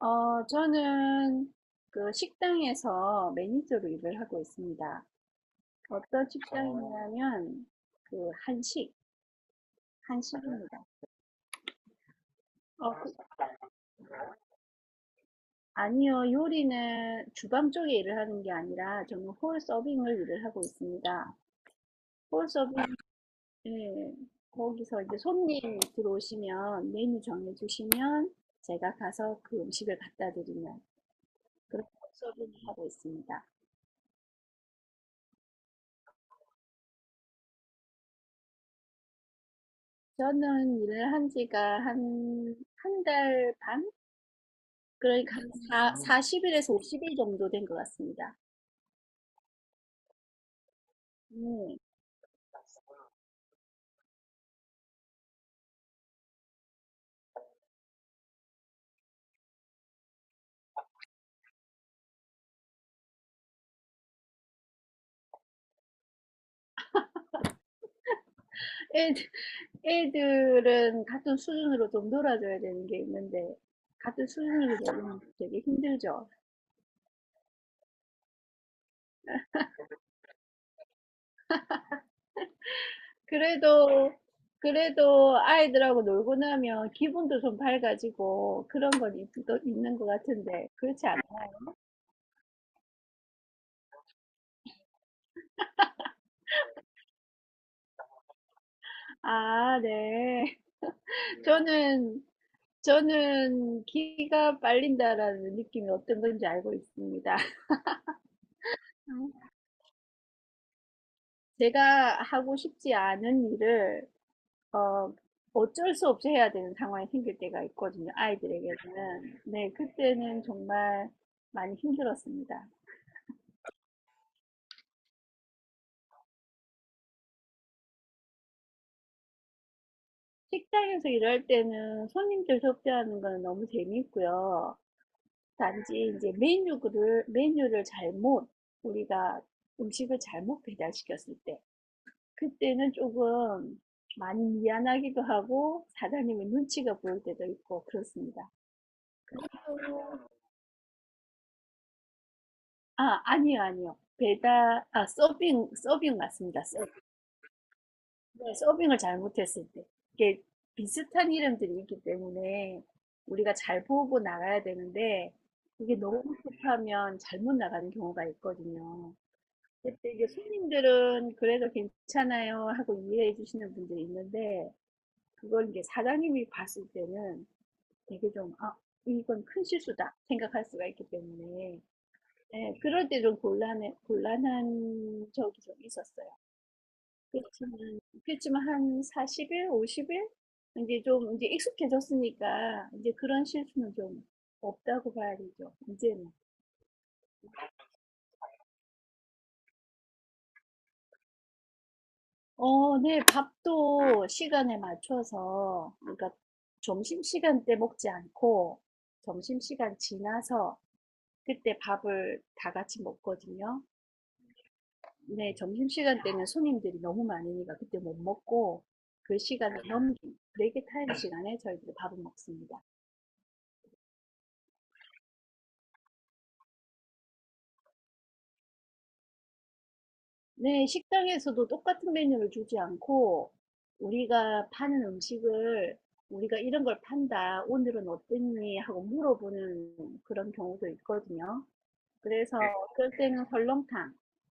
저는 그 식당에서 매니저로 일을 하고 있습니다. 어떤 식당이냐면 그 한식, 한식입니다. 어, 아니요, 요리는 주방 쪽에 일을 하는 게 아니라 저는 홀 서빙을 일을 하고 있습니다. 홀 서빙, 예, 거기서 이제 손님 들어오시면 메뉴 정해주시면 제가 가서 그 음식을 갖다 드리는 그런 홀 서빙을 하고 있습니다. 저는 일을 한 지가 한, 한 달 반? 그러니까 한 사, 40일에서 50일 정도 된 것 같습니다. 음, 애들, 애들은 같은 수준으로 좀 놀아줘야 되는 게 있는데, 같은 수준으로 놀면 되게 힘들죠. 그래도, 그래도 아이들하고 놀고 나면 기분도 좀 밝아지고 그런 건 또 있는 것 같은데, 그렇지 않아요? 아, 네. 저는, 저는 기가 빨린다라는 느낌이 어떤 건지 알고 있습니다. 제가 하고 싶지 않은 일을 어, 어쩔 수 없이 해야 되는 상황이 생길 때가 있거든요. 아이들에게는. 네, 그때는 정말 많이 힘들었습니다. 식당에서 일할 때는 손님들 접대하는 거는 너무 재미있고요. 단지 이제 메뉴를 잘못 우리가 음식을 잘못 배달시켰을 때 그때는 조금 많이 미안하기도 하고 사장님의 눈치가 보일 때도 있고 그렇습니다. 아니요. 배달, 아, 서빙, 서빙 맞습니다. 서, 네, 서빙을 잘못했을 때. 이게 비슷한 이름들이 있기 때문에 우리가 잘 보고 나가야 되는데 이게 너무 급하면 잘못 나가는 경우가 있거든요. 그때 이제 손님들은 그래도 괜찮아요 하고 이해해 주시는 분들이 있는데 그걸 이제 사장님이 봤을 때는 되게 좀, 아, 이건 큰 실수다 생각할 수가 있기 때문에 네, 그럴 때 좀 곤란한 적이 좀 있었어요. 그렇지만, 그렇지만 한 40일, 50일? 이제 좀, 이제 익숙해졌으니까, 이제 그런 실수는 좀 없다고 봐야 되죠, 이제는. 어, 네, 밥도 시간에 맞춰서, 그러니까 점심시간 때 먹지 않고, 점심시간 지나서, 그때 밥을 다 같이 먹거든요. 네, 점심시간 때는 손님들이 너무 많으니까 그때 못 먹고 그 시간을 넘긴 브레이크 타임 시간에 저희들이 밥을 먹습니다. 네, 식당에서도 똑같은 메뉴를 주지 않고 우리가 파는 음식을 우리가 이런 걸 판다, 오늘은 어땠니? 하고 물어보는 그런 경우도 있거든요. 그래서 네. 어떨 때는 설렁탕,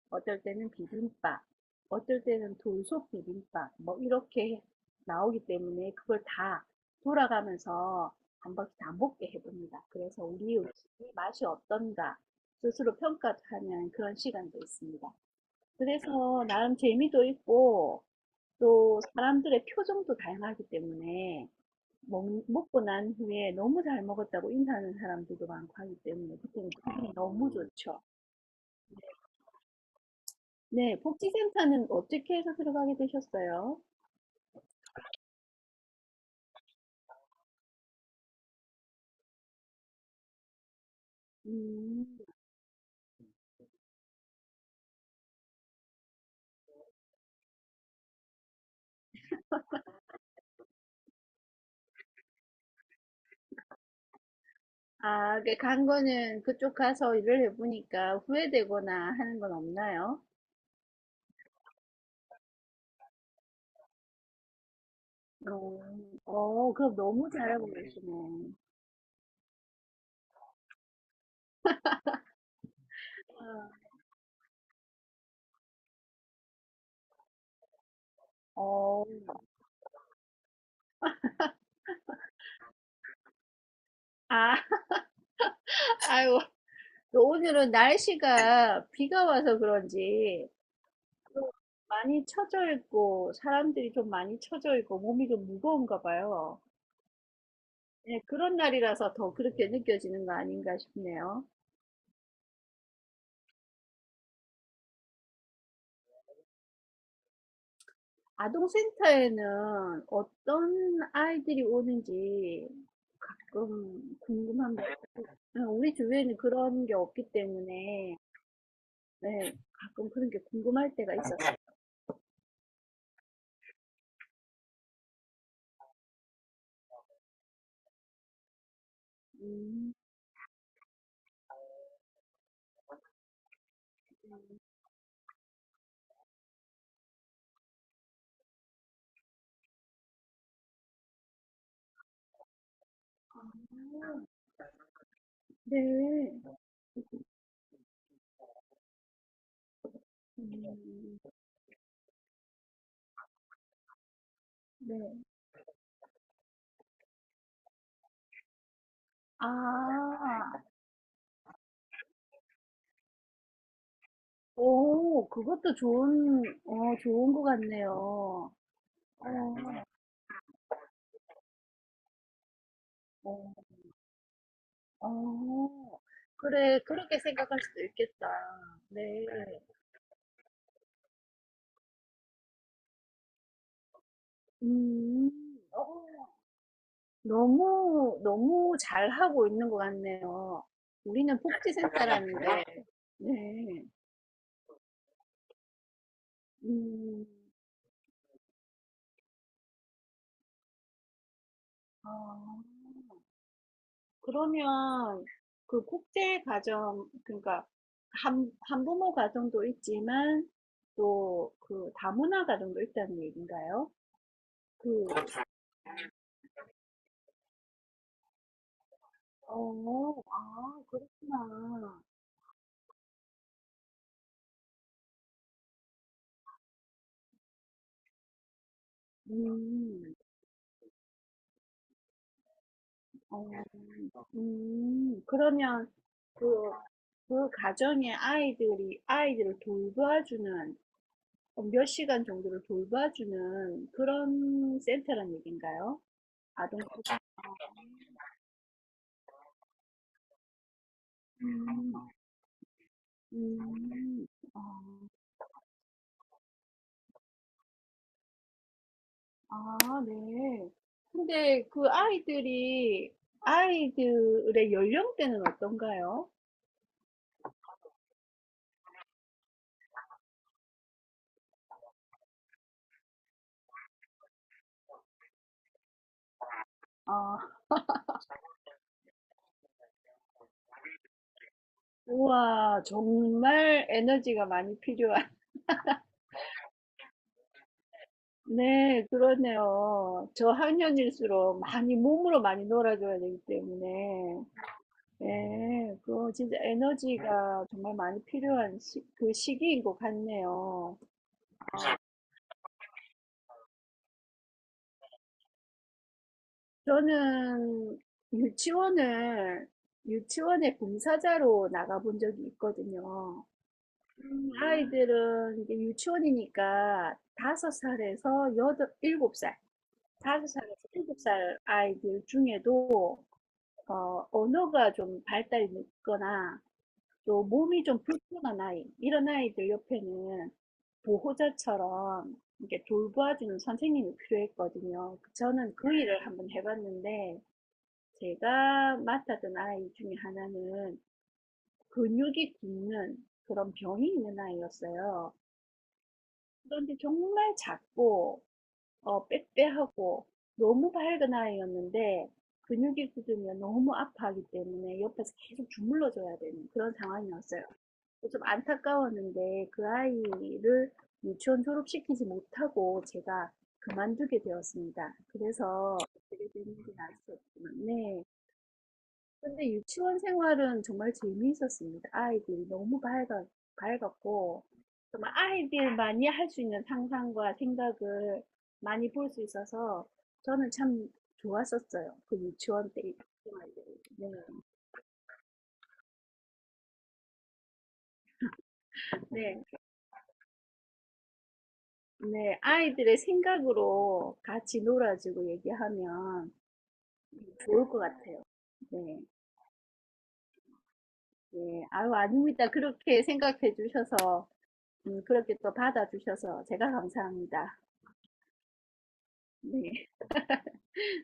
어떨 때는 비빔밥, 어떨 때는 돌솥 비빔밥, 뭐 이렇게 나오기 때문에 그걸 다 돌아가면서 한 번씩 다 먹게 해봅니다. 그래서 우리 음식이 맛이 어떤가 스스로 평가하는 그런 시간도 있습니다. 그래서 나름 재미도 있고 또 사람들의 표정도 다양하기 때문에 먹고 난 후에 너무 잘 먹었다고 인사하는 사람들도 많고 하기 때문에 그때는 너무 좋죠. 네. 복지센터는 어떻게 해서 들어가게 되셨어요? 음. 아, 그 간 거는 그쪽 가서 일을 해 보니까 후회되거나 하는 건 없나요? 어. 어, 그럼 너무 잘하고 계시네. 어. 아. 아유, 또 오늘은 날씨가 비가 와서 그런지 좀 많이 처져 있고 사람들이 좀 많이 처져 있고 몸이 좀 무거운가 봐요. 네, 그런 날이라서 더 그렇게 느껴지는 거 아닌가 싶네요. 아동센터에는 어떤 아이들이 오는지 조금 궁금합니다. 네, 우리 주위에는 그런 게 없기 때문에 네, 가끔 그런 게 궁금할 때가 있어요. 음, 네. 음, 네. 아, 오, 그것도 좋은, 어, 좋은 것 같네요. 어, 어, 어. 그래, 그렇게 생각할 수도 있겠다. 네. 어. 너무, 너무 잘하고 있는 것 같네요. 우리는 복지센터라는데, 네. 음, 어, 그러면 그 국제 가정, 그러니까 한, 한부모 가정도 있지만 또 그 다문화 가정도 있다는 얘기인가요? 그, 그렇죠. 어, 아, 그렇구나. 음, 어, 그러면 그 그 가정에 아이들이 아이들을 돌봐주는 어, 몇 시간 정도를 돌봐주는 그런 센터란 얘기인가요? 아동 프로 그렇죠. 음, 음, 아, 아, 네. 근데 그 아이들이 아이들의 연령대는 어떤가요? 아, 우와, 정말 에너지가 많이 필요한. 네, 그러네요. 저학년일수록 많이 몸으로 많이 놀아줘야 되기 때문에. 네, 그거 진짜 에너지가 정말 많이 필요한 그 시기인 것 같네요. 저는 유치원을, 유치원의 봉사자로 나가본 적이 있거든요. 아이들은 이제 유치원이니까 다섯 살에서 일곱 살 다섯 살에서 일곱 살 아이들 중에도 어, 언어가 좀 발달이 늦거나 또 몸이 좀 불편한 아이, 이런 아이들 옆에는 보호자처럼 이렇게 돌봐주는 선생님이 필요했거든요. 그 저는 그 일을 한번 해봤는데, 제가 맡았던 아이 중에 하나는 근육이 굳는 그런 병이 있는 아이였어요. 그런데 정말 작고, 빼빼하고, 너무 밝은 아이였는데, 근육이 굳으면 너무 아파하기 때문에 옆에서 계속 주물러줘야 되는 그런 상황이었어요. 좀 안타까웠는데 그 아이를 유치원 졸업시키지 못하고 제가 그만두게 되었습니다. 그래서 어떻게 됐는지 알 수 없지만, 네. 근데 유치원 생활은 정말 재미있었습니다. 아이들이 밝았고, 정말 아이들만이 할 수 있는 상상과 생각을 많이 볼 수 있어서 저는 참 좋았었어요. 그 유치원 때 생활이. 네. 네. 네, 아이들의 생각으로 같이 놀아주고 얘기하면 좋을 것 같아요. 네, 네, 아유, 아닙니다. 그렇게 생각해 주셔서, 그렇게 또 받아주셔서 제가 감사합니다. 네.